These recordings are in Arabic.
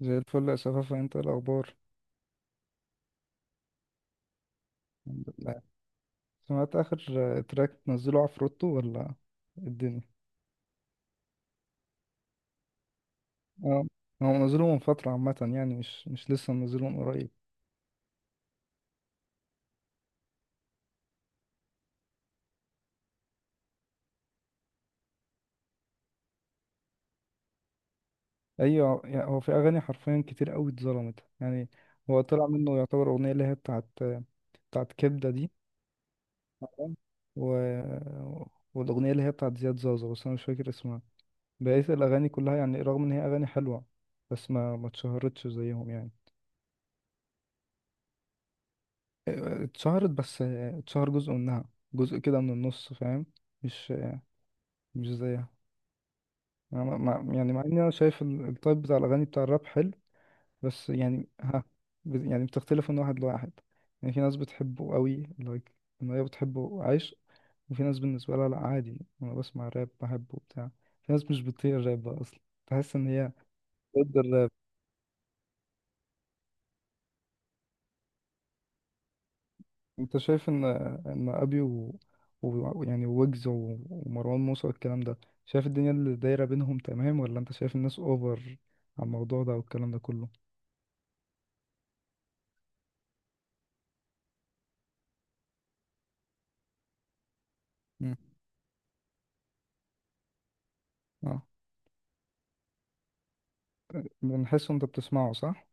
زي الفل يا شفافة، انت ايه الأخبار؟ الحمد لله. سمعت آخر تراك نزله عفروتو ولا الدنيا؟ اه، هو منزله من فترة عامة، يعني مش لسه منزله من قريب. أيوة، يعني هو في أغاني حرفيا كتير أوي اتظلمت يعني. هو طلع منه يعتبر أغنية اللي هي بتاعت كبدة دي. تمام. و... والأغنية اللي هي بتاعت زياد زازا، بس أنا مش فاكر اسمها. بقيت الأغاني كلها يعني رغم إن هي أغاني حلوة، بس ما اتشهرتش زيهم يعني. اتشهرت بس اتشهر جزء منها، جزء كده من النص، فاهم؟ مش مش زيها. أنا يعني مع اني انا شايف التايب بتاع الاغاني بتاع الراب حلو، بس يعني ها، يعني بتختلف من واحد لواحد. يعني في ناس بتحبه قوي لايك، ان هي بتحبه عايش، وفي ناس بالنسبه لها لا، عادي انا بسمع راب بحبه بتاع. في ناس مش بتطيق الراب بقى اصلا، تحس ان هي ضد الراب. انت شايف ان ان ابي يعني ويجز ومروان موسى والكلام ده، شايف الدنيا اللي دايره بينهم تمام، ولا انت شايف الناس اوفر على الموضوع ده والكلام ده كله؟ مم. اه، بنحس انت بتسمعه صح.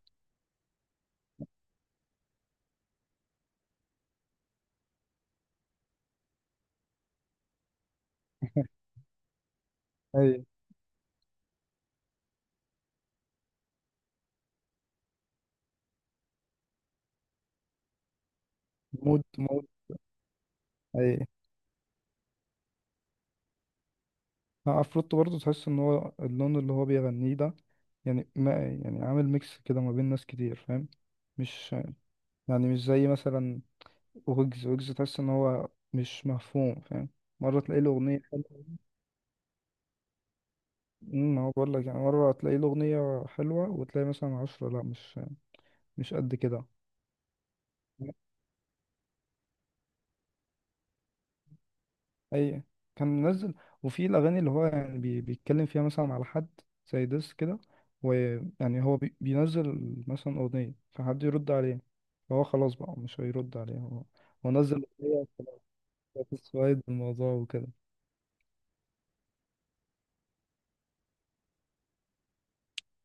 اي. مود مود. اي. اه، عفروتو برضه تحس ان هو اللون اللي هو بيغنيه ده، يعني ما يعني عامل ميكس كده ما بين ناس كتير، فاهم؟ مش يعني مش زي مثلا ويجز، تحس ان هو مش مفهوم، فاهم؟ مرة تلاقي له أغنية. أمم، ما هو بقول لك، يعني مرة تلاقي له أغنية حلوة وتلاقي مثلا عشرة لا، مش قد كده. أي. كان منزل، وفي الأغاني اللي هو يعني بيتكلم فيها مثلا على حد، زي ديس كده، ويعني هو بينزل مثلا أغنية فحد يرد عليه، فهو خلاص بقى مش هيرد عليه هو. هو نزل أغنية سوايد الموضوع وكده.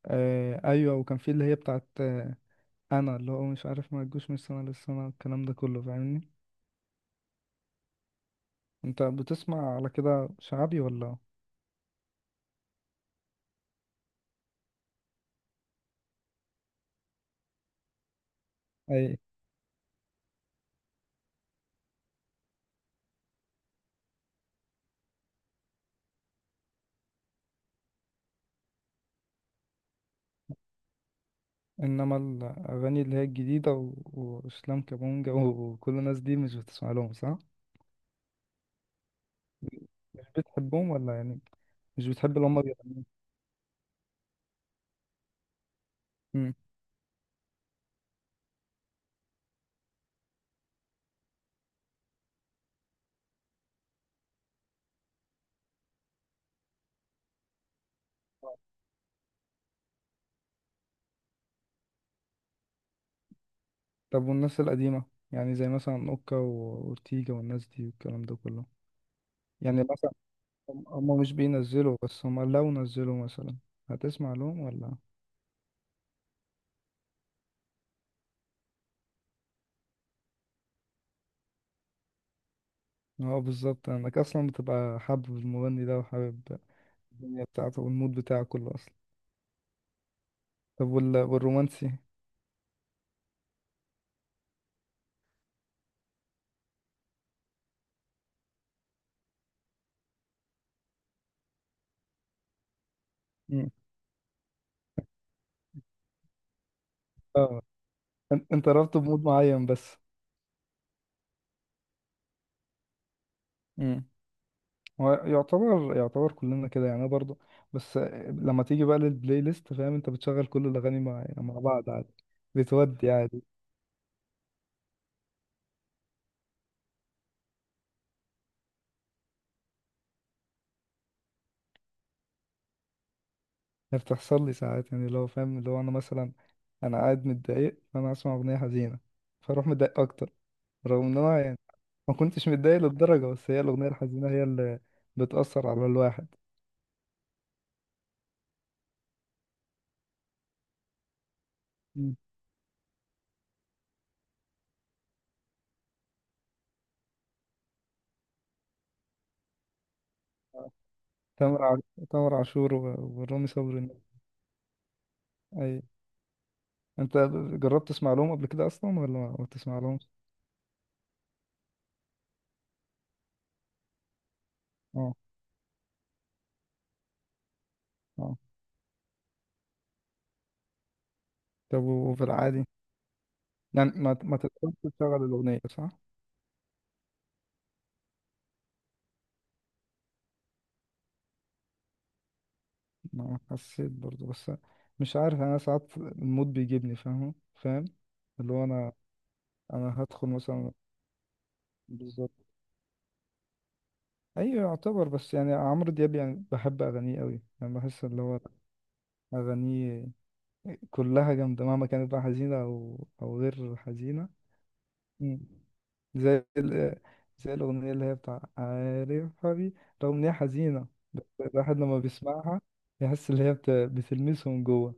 آه أيوة، وكان في اللي هي بتاعت آه، أنا اللي هو مش عارف ما تجوش من السنة للسنة الكلام ده كله، فاهمني؟ أنت بتسمع على كده شعبي ولا؟ اي. انما الاغاني اللي هي الجديده واسلام كابونجا وكل الناس دي مش بتسمع لهم صح؟ مش بتحبهم ولا يعني مش بتحب اللي هم بيغنوا؟ مم. طب والناس القديمه، يعني زي مثلا اوكا واورتيجا والناس دي والكلام ده كله، يعني مثلا هم، هم مش بينزلوا بس هم لو نزلوا مثلا هتسمع لهم ولا؟ اه بالظبط، انك اصلا بتبقى حابب المغني ده وحابب الدنيا بتاعته والمود بتاعه كله اصلا. طب والرومانسي؟ مم. اه، انت أنت رابطه بمود معين بس. امم. هو يعتبر يعتبر كلنا كده يعني، أنا برضو. بس لما تيجي بقى للبلاي ليست، فاهم انت بتشغل كل الاغاني مع بعض عادي، بتودي عادي. يعني بتحصل لي ساعات، يعني لو فاهم اللي هو انا مثلا انا قاعد متضايق فانا اسمع اغنيه حزينه فاروح متضايق اكتر، رغم ان انا يعني ما كنتش متضايق للدرجه، بس هي الاغنيه الحزينه هي اللي بتاثر على الواحد. مم. تامر تامر عاشور ورامي صبري. اي. انت جربت تسمع لهم قبل كده اصلا ولا ما بتسمع لهمش؟ اه. طب وفي العادي، يعني ما تقدرش تشغل الأغنية صح؟ ما حسيت برضو، بس مش عارف يعني أنا ساعات المود بيجيبني فاهم، فاهم اللي هو أنا، أنا هدخل مثلا. بالظبط. أيوة يعتبر، بس يعني عمرو دياب يعني بحب أغانيه أوي، يعني بحس اللي هو أغانيه كلها جامدة مهما كانت بقى حزينة أو أو غير حزينة. مم. زي ال- زي الأغنية اللي هي بتاع عارف حبيبي، رغم إن هي حزينة، بس الواحد لما بيسمعها يحس اللي هي بتلمسه من جوه.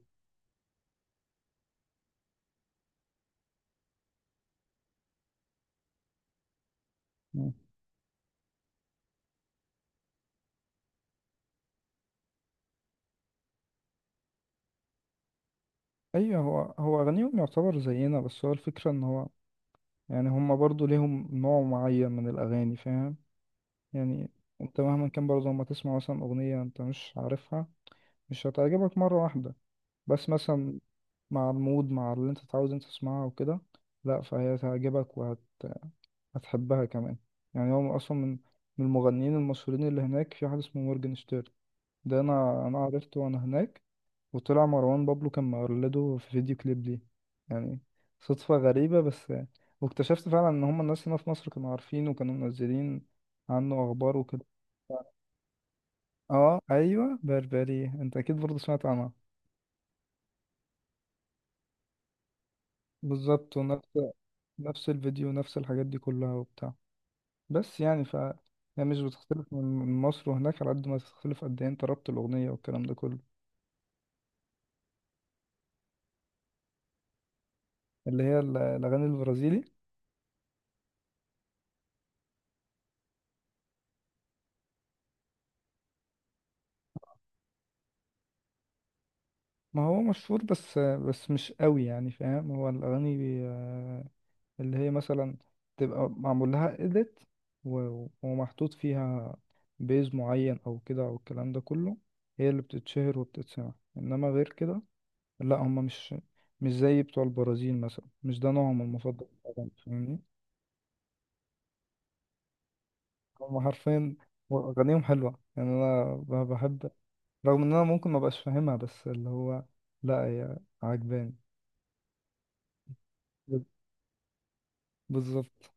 مم. أيوه هو، هو أغانيهم يعتبر زينا، بس هو الفكرة إن هو يعني هما برضو ليهم نوع معين من الأغاني، فاهم؟ يعني أنت مهما كان برضه لما تسمع مثلا أغنية أنت مش عارفها، مش هتعجبك مرة واحدة، بس مثلا مع المود، مع اللي أنت تعود أنت تسمعها وكده، لأ فهي تعجبك، هتحبها كمان. يعني هو اصلا من من المغنيين المشهورين اللي هناك في حد اسمه مورجنشتيرن، ده انا عرفته وانا هناك، وطلع مروان بابلو كان مقلده في فيديو كليب ليه، يعني صدفة غريبة، بس واكتشفت فعلا ان هم الناس هنا في مصر كانوا عارفين وكانوا منزلين عنه اخبار وكده. اه ايوه بربري، انت اكيد برضه سمعت عنها. بالظبط. ونفس، نفس الفيديو نفس الحاجات دي كلها وبتاع. بس يعني ف، هي مش بتختلف من من مصر وهناك على قد ما تختلف قد ايه انت ربط الأغنية والكلام ده كله. اللي هي الأغاني البرازيلي. ما هو مشهور، بس مش قوي يعني، فاهم؟ هو الأغاني آه، اللي هي مثلا تبقى معمول لها إيديت ومحطوط فيها بيز معين أو كده أو الكلام ده كله، هي اللي بتتشهر وبتتسمع، إنما غير كده لا، هما مش زي بتوع البرازيل مثلا، مش ده نوعهم المفضل في الأغاني، فاهمني؟ هم حرفيا أغانيهم حلوة، يعني أنا بحب رغم إن أنا ممكن ما بقاش فاهمها، بس اللي هو لا هي عجباني. بالظبط.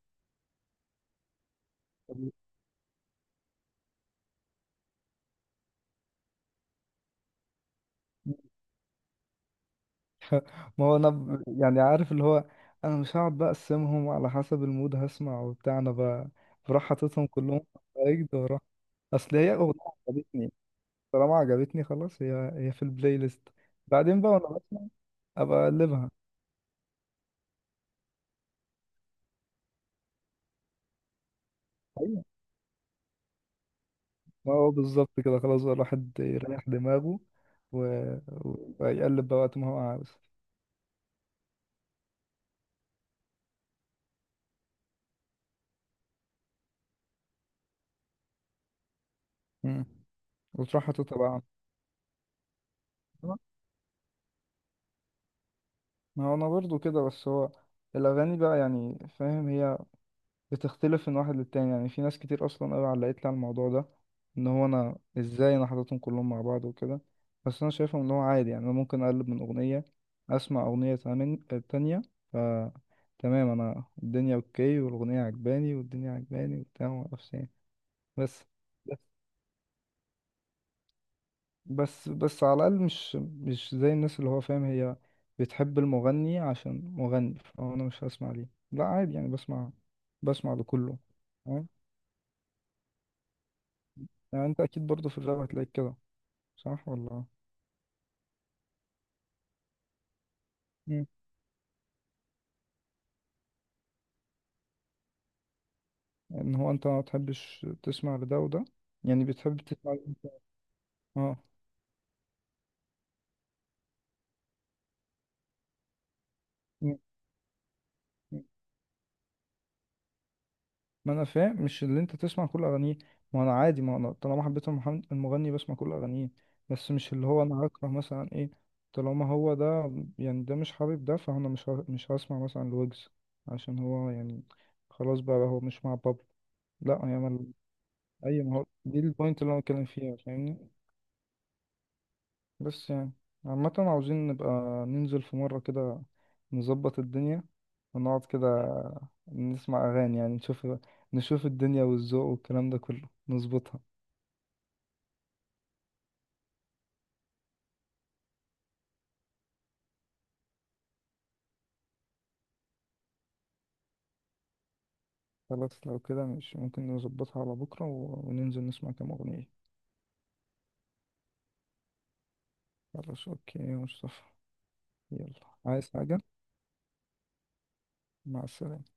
ما هو أنا يعني عارف اللي هو أنا مش هقعد بقى أقسمهم على حسب المود هسمع وبتاع، أنا بروح حاططهم كلهم في أجد وأروح. أصل هي أغنية عجبتني، طالما عجبتني خلاص هي، هي في البلاي ليست، بعدين بقى وأنا بسمع أبقى أقلبها. ما هو بالظبط كده خلاص بقى الواحد يريح دماغه، و... ويقلب بقى وقت ما هو عاوز. مم. وتروح حاططها بقى. ما هو انا برضو كده، بس هو الاغاني بقى يعني فاهم، هي بتختلف من واحد للتاني، يعني في ناس كتير اصلا قوي علقت لي على الموضوع ده، ان هو انا ازاي انا حاططهم كلهم مع بعض وكده، بس انا شايفهم ان هو عادي، يعني انا ممكن اقلب من اغنيه اسمع اغنيه تانية، ف تمام انا الدنيا اوكي والاغنيه عجباني والدنيا عجباني وبتاع ومعرفش إيه. بس بس بس على الأقل مش زي الناس اللي هو فاهم هي بتحب المغني عشان مغني، فأنا مش هسمع ليه لا، عادي يعني بسمع، بسمع لكله. تمام. يعني أنت أكيد برضه في الراب هتلاقيك كده صح ولا؟ مم. إن هو أنت ما بتحبش تسمع لده وده، يعني بتحب تسمع لده. اه. مم. ما انا فاهم مش اللي انت تسمع كل اغانيه، ما انا عادي ما انا طالما حبيت المغني بسمع كل اغانيه، بس مش اللي هو انا هكره مثلا ايه، طالما هو ده يعني ده مش حابب ده فانا مش هسمع مثلا لويجز عشان هو يعني خلاص بقى هو مش مع بابلو. لا، هي مال. اي، ما هو دي البوينت اللي انا بتكلم فيها فاهمني. بس يعني عامة عاوزين نبقى ننزل في مرة كده نظبط الدنيا ونقعد كده نسمع أغاني، يعني نشوف، نشوف الدنيا والذوق والكلام ده كله نظبطها. خلاص لو كده مش ممكن نظبطها على بكرة وننزل نسمع كام أغنية. خلاص أوكي يا مصطفى. يلا، عايز حاجة؟ مع السلامة.